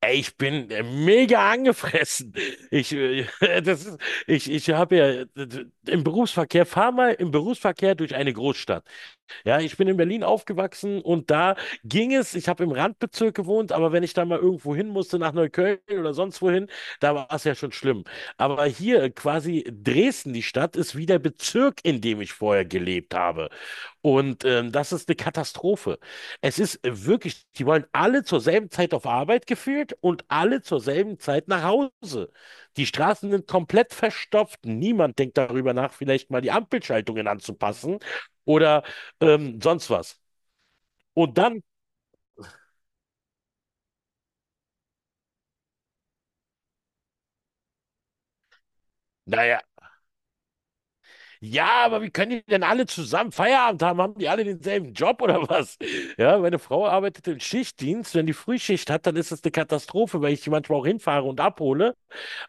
Ey, ich bin mega angefressen. Ich, äh, das ist, ich habe ja im Berufsverkehr, fahr mal im Berufsverkehr durch eine Großstadt. Ja, ich bin in Berlin aufgewachsen und da ging es, ich habe im Randbezirk gewohnt, aber wenn ich da mal irgendwo hin musste, nach Neukölln oder sonst wohin, da war es ja schon schlimm. Aber hier quasi Dresden, die Stadt, ist wie der Bezirk, in dem ich vorher gelebt habe. Und das ist eine Katastrophe. Es ist wirklich, die wollen alle zur selben Zeit auf Arbeit geführt und alle zur selben Zeit nach Hause. Die Straßen sind komplett verstopft. Niemand denkt darüber nach, vielleicht mal die Ampelschaltungen anzupassen oder sonst was. Und dann, naja, ja, ja, aber wie können die denn alle zusammen Feierabend haben? Haben die alle denselben Job oder was? Ja, meine Frau arbeitet im Schichtdienst. Wenn die Frühschicht hat, dann ist es eine Katastrophe, weil ich die manchmal auch hinfahre und abhole.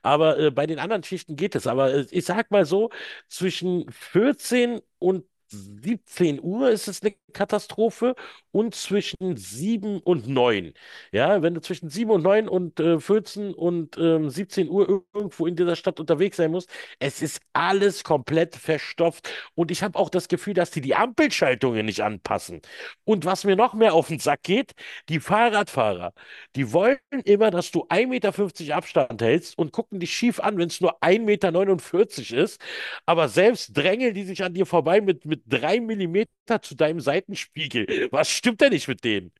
Aber bei den anderen Schichten geht es. Aber ich sag mal so, zwischen 14 und 17 Uhr ist es eine Katastrophe und zwischen 7 und 9. Ja, wenn du zwischen 7 und 9 und 14 und 17 Uhr irgendwo in dieser Stadt unterwegs sein musst, es ist alles komplett verstopft. Und ich habe auch das Gefühl, dass die Ampelschaltungen nicht anpassen. Und was mir noch mehr auf den Sack geht, die Fahrradfahrer. Die wollen immer, dass du 1,50 m Abstand hältst und gucken dich schief an, wenn es nur 1,49 m ist. Aber selbst drängeln die sich an dir vorbei mit 3 mm zu deinem Seitenspiegel. Was stimmt denn nicht mit denen?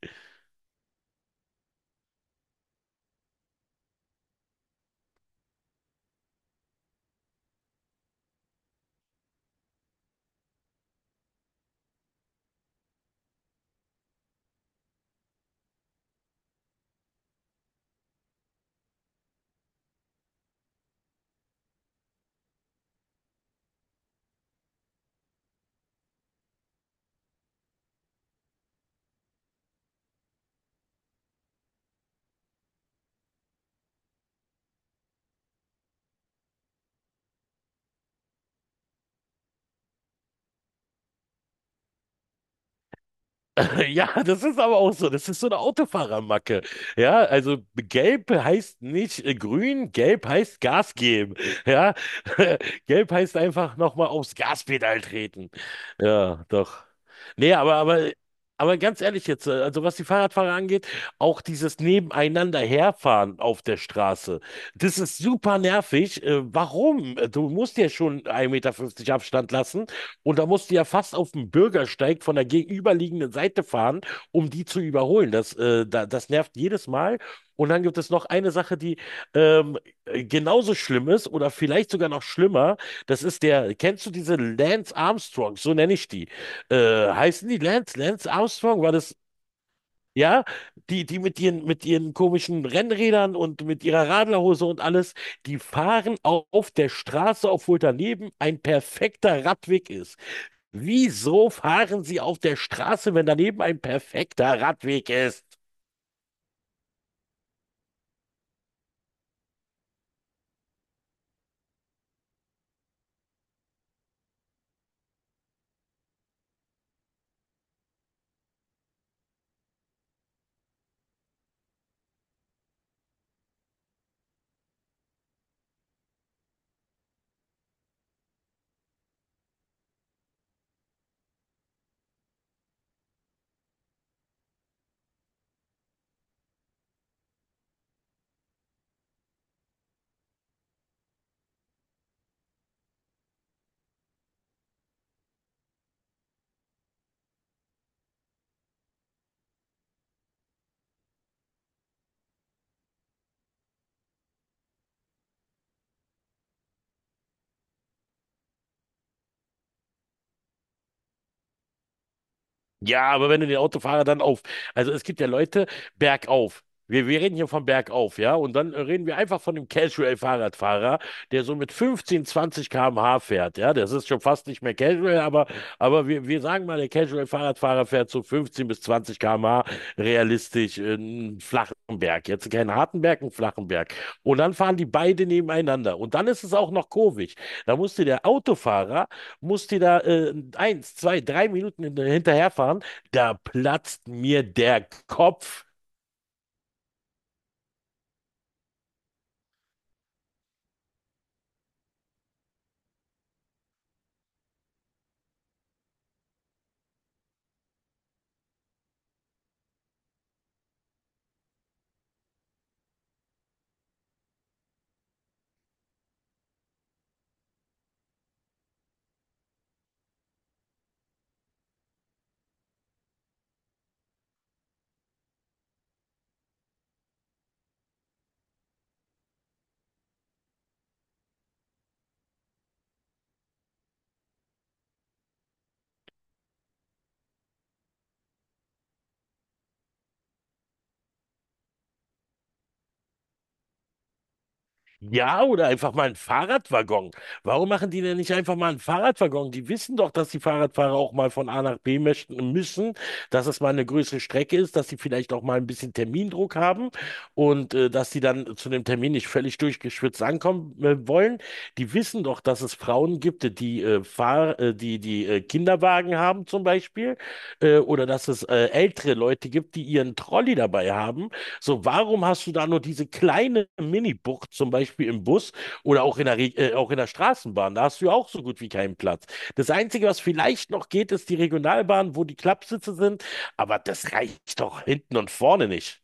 Ja, das ist aber auch so. Das ist so eine Autofahrermacke. Ja, also gelb heißt nicht grün, gelb heißt Gas geben. Ja, gelb heißt einfach nochmal aufs Gaspedal treten. Ja, doch. Nee, aber ganz ehrlich jetzt, also was die Fahrradfahrer angeht, auch dieses nebeneinander herfahren auf der Straße, das ist super nervig. Warum? Du musst ja schon 1,50 Meter Abstand lassen und da musst du ja fast auf den Bürgersteig von der gegenüberliegenden Seite fahren, um die zu überholen. Das nervt jedes Mal. Und dann gibt es noch eine Sache, die ähm, genauso schlimm ist oder vielleicht sogar noch schlimmer. Das ist der, kennst du diese Lance Armstrong? So nenne ich die. Äh, heißen die Lance? Lance Armstrong? War das, ja? Die, die mit ihren komischen Rennrädern und mit ihrer Radlerhose und alles, die fahren auf der Straße, obwohl daneben ein perfekter Radweg ist. Wieso fahren Sie auf der Straße, wenn daneben ein perfekter Radweg ist? Ja, aber wenn du den Autofahrer dann auf, also es gibt ja Leute bergauf. Wir reden hier von bergauf, ja, und dann reden wir einfach von dem Casual-Fahrradfahrer, der so mit 15, 20 km/h fährt, ja, das ist schon fast nicht mehr Casual, aber wir sagen mal, der Casual-Fahrradfahrer fährt so 15 bis 20 km/h realistisch einen flachen Berg, jetzt keinen harten Berg, einen flachen Berg. Und dann fahren die beide nebeneinander und dann ist es auch noch kurvig. Da musste der Autofahrer musst dir da eins, zwei, drei Minuten hinterherfahren, da platzt mir der Kopf. Ja, oder einfach mal einen Fahrradwaggon. Warum machen die denn nicht einfach mal einen Fahrradwaggon? Die wissen doch, dass die Fahrradfahrer auch mal von A nach B möchten, müssen, dass es mal eine größere Strecke ist, dass sie vielleicht auch mal ein bisschen Termindruck haben und dass sie dann zu dem Termin nicht völlig durchgeschwitzt ankommen wollen. Die wissen doch, dass es Frauen gibt, die Kinderwagen haben zum Beispiel oder dass es ältere Leute gibt, die ihren Trolley dabei haben so, warum hast du da nur diese kleine Mini-Bucht, zum Beispiel im Bus oder auch in auch in der Straßenbahn? Da hast du ja auch so gut wie keinen Platz. Das Einzige, was vielleicht noch geht, ist die Regionalbahn, wo die Klappsitze sind, aber das reicht doch hinten und vorne nicht.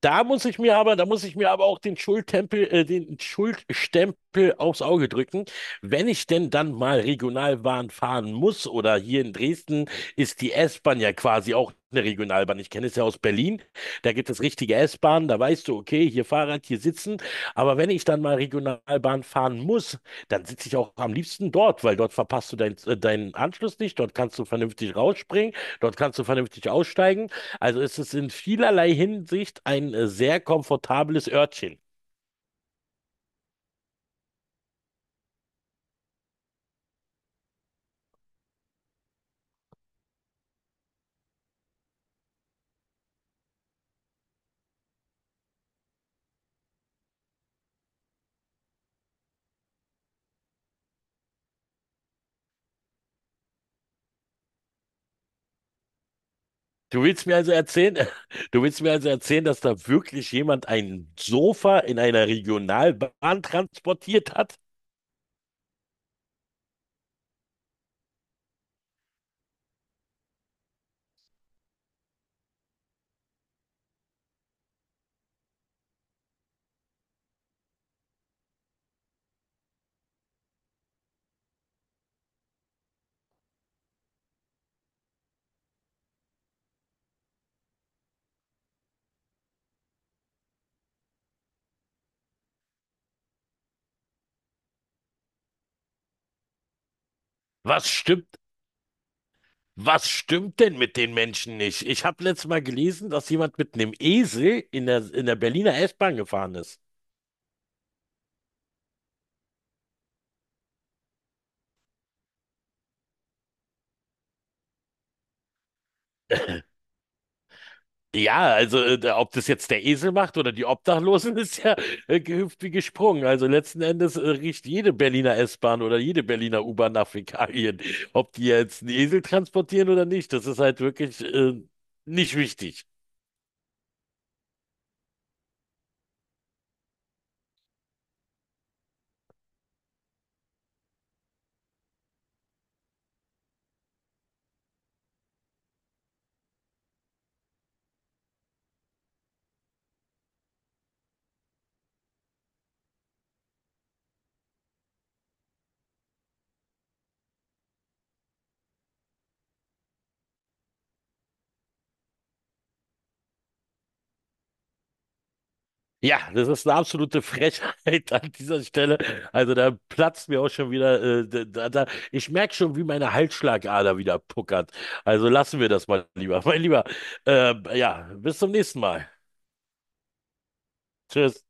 Da muss ich mir aber auch den Schuldstempel aufs Auge drücken. Wenn ich denn dann mal Regionalbahn fahren muss oder hier in Dresden ist die S-Bahn ja quasi auch eine Regionalbahn. Ich kenne es ja aus Berlin. Da gibt es richtige S-Bahnen, da weißt du, okay, hier Fahrrad, hier sitzen. Aber wenn ich dann mal Regionalbahn fahren muss, dann sitze ich auch am liebsten dort, weil dort verpasst du deinen Anschluss nicht, dort kannst du vernünftig rausspringen, dort kannst du vernünftig aussteigen. Also es ist in vielerlei Hinsicht ein sehr komfortables Örtchen. Du willst mir also erzählen, du willst mir also erzählen, dass da wirklich jemand ein Sofa in einer Regionalbahn transportiert hat? Was stimmt, was stimmt denn mit den Menschen nicht? Ich habe letztes Mal gelesen, dass jemand mit einem Esel in der Berliner S-Bahn gefahren ist. Ja, also ob das jetzt der Esel macht oder die Obdachlosen, ist ja gehüpft wie gesprungen. Also letzten Endes riecht jede Berliner S-Bahn oder jede Berliner U-Bahn nach Fäkalien. Ob die jetzt einen Esel transportieren oder nicht, das ist halt wirklich nicht wichtig. Ja, das ist eine absolute Frechheit an dieser Stelle. Also da platzt mir auch schon wieder, ich merke schon, wie meine Halsschlagader wieder puckert. Also lassen wir das mal lieber. Mein Lieber, ja, bis zum nächsten Mal. Tschüss.